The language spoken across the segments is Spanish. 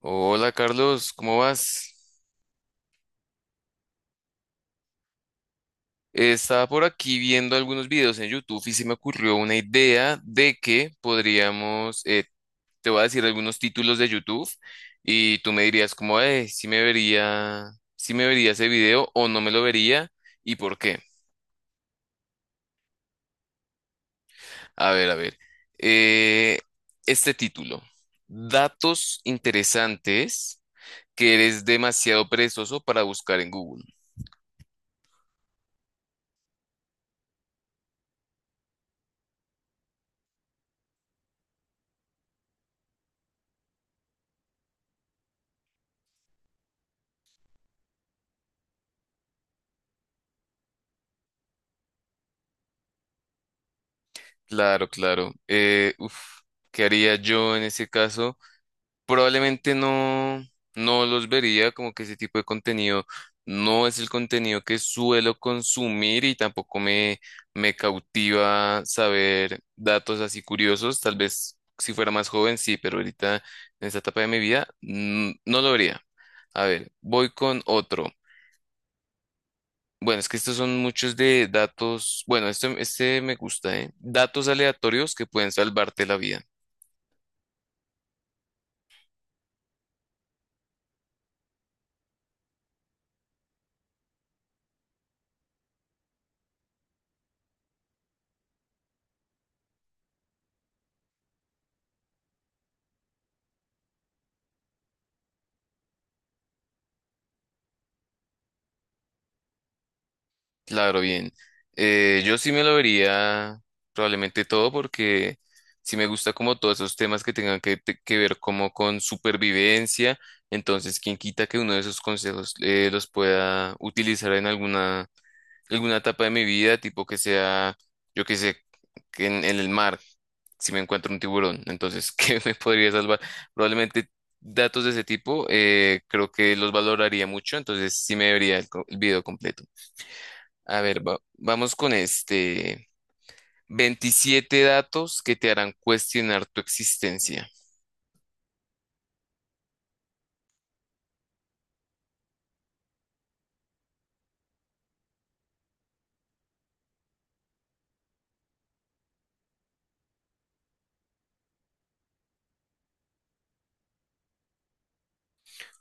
Hola Carlos, ¿cómo vas? Estaba por aquí viendo algunos videos en YouTube y se me ocurrió una idea de que podríamos, te voy a decir algunos títulos de YouTube y tú me dirías como, si me vería, si me vería ese video o no me lo vería y por qué. A ver. eh, este título, datos interesantes que eres demasiado perezoso para buscar en Google. Claro, claro. ¿Qué haría yo en ese caso? Probablemente no, no los vería, como que ese tipo de contenido no es el contenido que suelo consumir y tampoco me, me cautiva saber datos así curiosos. Tal vez si fuera más joven, sí, pero ahorita en esta etapa de mi vida no lo vería. A ver, voy con otro. Bueno, es que estos son muchos de datos. Bueno, este me gusta, ¿eh? Datos aleatorios que pueden salvarte la vida. Claro, bien. Yo sí me lo vería probablemente todo porque sí me gusta como todos esos temas que tengan que ver como con supervivencia. Entonces, quién quita que uno de esos consejos los pueda utilizar en alguna etapa de mi vida, tipo que sea, yo que sé, que en el mar, si me encuentro un tiburón. Entonces, ¿qué me podría salvar? Probablemente datos de ese tipo, creo que los valoraría mucho. Entonces, sí me vería el video completo. Vamos con este. 27 datos que te harán cuestionar tu existencia.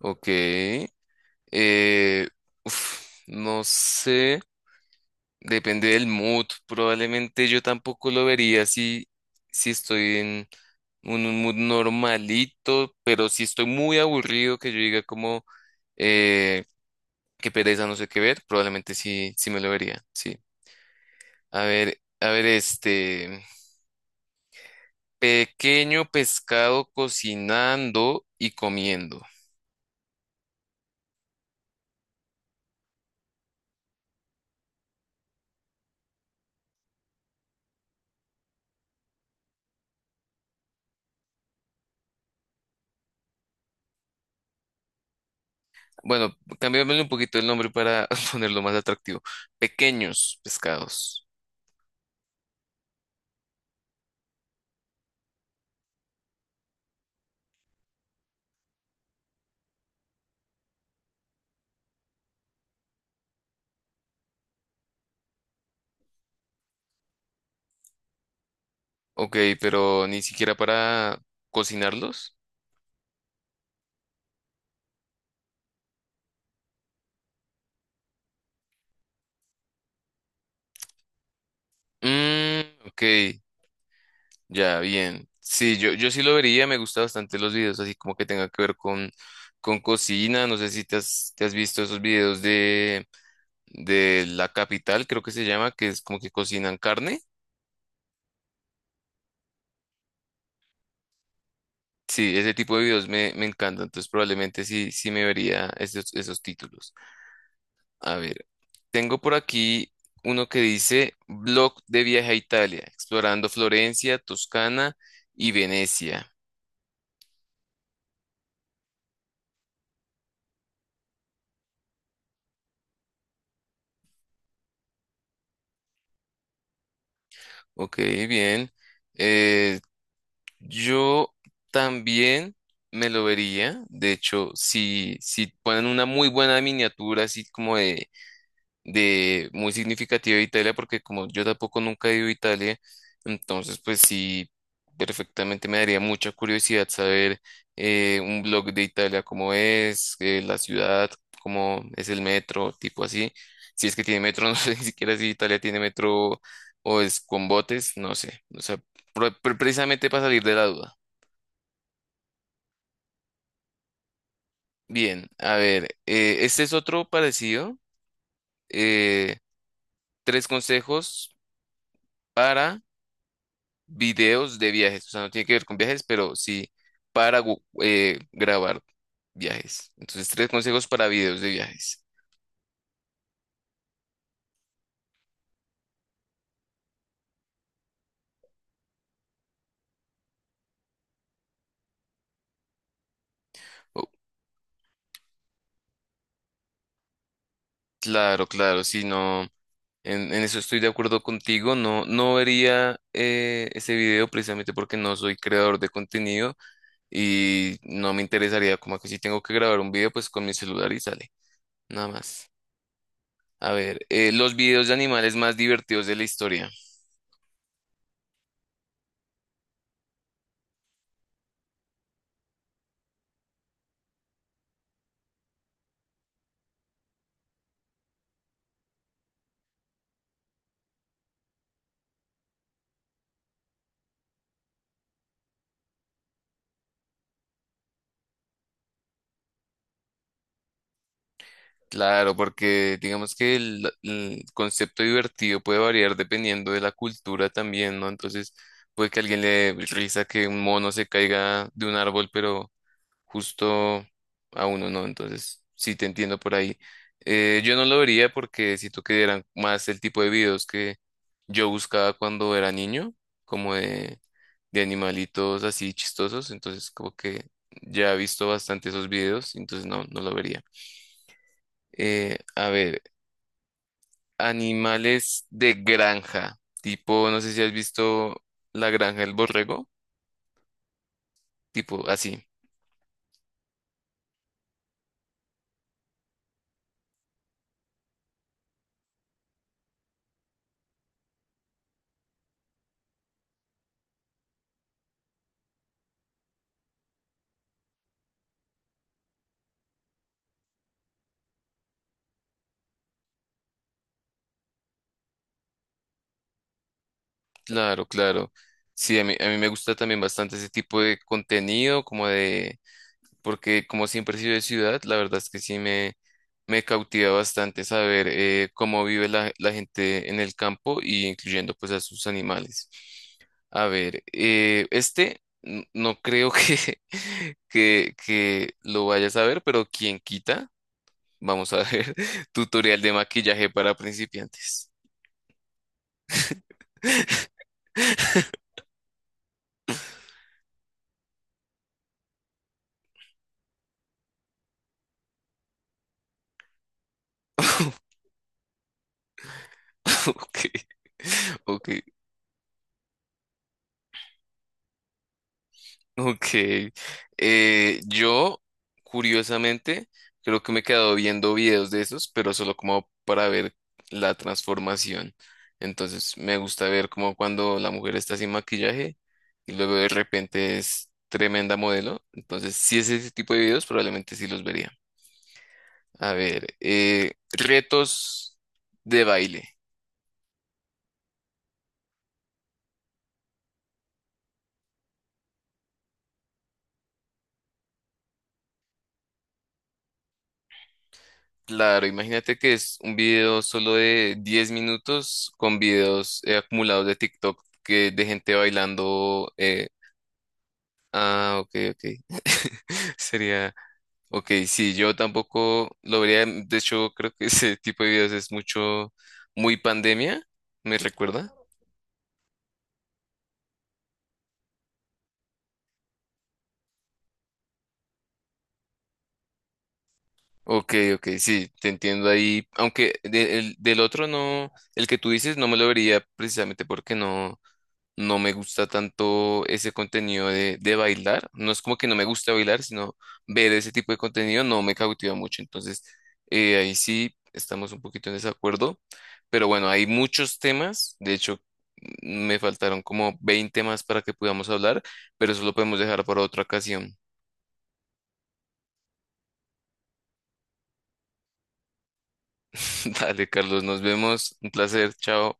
Ok. No sé. Depende del mood. Probablemente yo tampoco lo vería si, si estoy en un mood normalito, pero si estoy muy aburrido, que yo diga como eh, qué pereza, no sé qué ver, probablemente sí, sí me lo vería. Sí. A ver, este. Pequeño pescado cocinando y comiendo. Bueno, cambiámosle un poquito el nombre para ponerlo más atractivo. Pequeños pescados. Ok, pero ni siquiera para cocinarlos. Mm, ok, ya, bien. Sí, yo sí lo vería, me gustan bastante los videos, así como que tenga que ver con cocina. No sé si te has, te has visto esos videos de La Capital, creo que se llama, que es como que cocinan carne. Sí, ese tipo de videos me encanta, entonces probablemente sí, sí me vería esos títulos. A ver, tengo por aquí uno que dice Blog de viaje a Italia, explorando Florencia, Toscana y Venecia. Ok, bien. Eh, yo también me lo vería, de hecho, si ponen una muy buena miniatura, así como de muy significativa de Italia, porque como yo tampoco nunca he ido a Italia, entonces pues sí, perfectamente me daría mucha curiosidad saber un blog de Italia, cómo es, la ciudad, cómo es el metro, tipo así. Si es que tiene metro, no sé ni siquiera si Italia tiene metro o es con botes, no sé. O sea, precisamente para salir de la duda. Bien, a ver, este es otro parecido. eh, Tres consejos para videos de viajes, o sea, no tiene que ver con viajes, pero sí para grabar viajes. Entonces, tres consejos para videos de viajes. Oh, claro, claro, sí, no, en eso estoy de acuerdo contigo, no, no vería ese video precisamente porque no soy creador de contenido y no me interesaría, como que si tengo que grabar un video, pues con mi celular y sale, nada más. A ver, los videos de animales más divertidos de la historia. Claro, porque digamos que el concepto divertido puede variar dependiendo de la cultura también, ¿no? Entonces, puede que a alguien le dé risa que un mono se caiga de un árbol, pero justo a uno no. Entonces, sí te entiendo por ahí. Yo no lo vería porque siento que eran más el tipo de videos que yo buscaba cuando era niño, como de animalitos así chistosos. Entonces, como que ya he visto bastante esos videos, entonces no, no lo vería. A ver. Animales de granja, tipo, no sé si has visto La Granja del Borrego, tipo así, claro, claro. Sí, a mí me gusta también bastante ese tipo de contenido, como de, porque como siempre he sido de ciudad, la verdad es que sí me cautiva bastante saber cómo vive la gente en el campo y incluyendo pues a sus animales. A ver, este no creo que, que lo vayas a ver, pero quien quita. Vamos a ver. Tutorial de maquillaje para principiantes. Ok, ok, ok. Eh, yo, curiosamente, creo que me he quedado viendo videos de esos, pero solo como para ver la transformación. Entonces, me gusta ver como cuando la mujer está sin maquillaje y luego de repente es tremenda modelo. Entonces, si es ese tipo de videos, probablemente sí los vería. A ver, retos de baile. Claro, imagínate que es un video solo de 10 minutos con videos acumulados de TikTok que de gente bailando. Ah, ok, ok. Sería, ok, sí, yo tampoco lo vería. De hecho, creo que ese tipo de videos es muy pandemia, ¿me recuerda? Ok, ok, sí, te entiendo ahí. Aunque del otro no, el que tú dices no me lo vería precisamente porque no. No me gusta tanto ese contenido de bailar. No es como que no me gusta bailar, sino ver ese tipo de contenido no me cautiva mucho. Entonces, ahí sí estamos un poquito en desacuerdo. Pero bueno, hay muchos temas. De hecho, me faltaron como 20 más para que podamos hablar, pero eso lo podemos dejar para otra ocasión. Dale, Carlos, nos vemos. Un placer. Chao.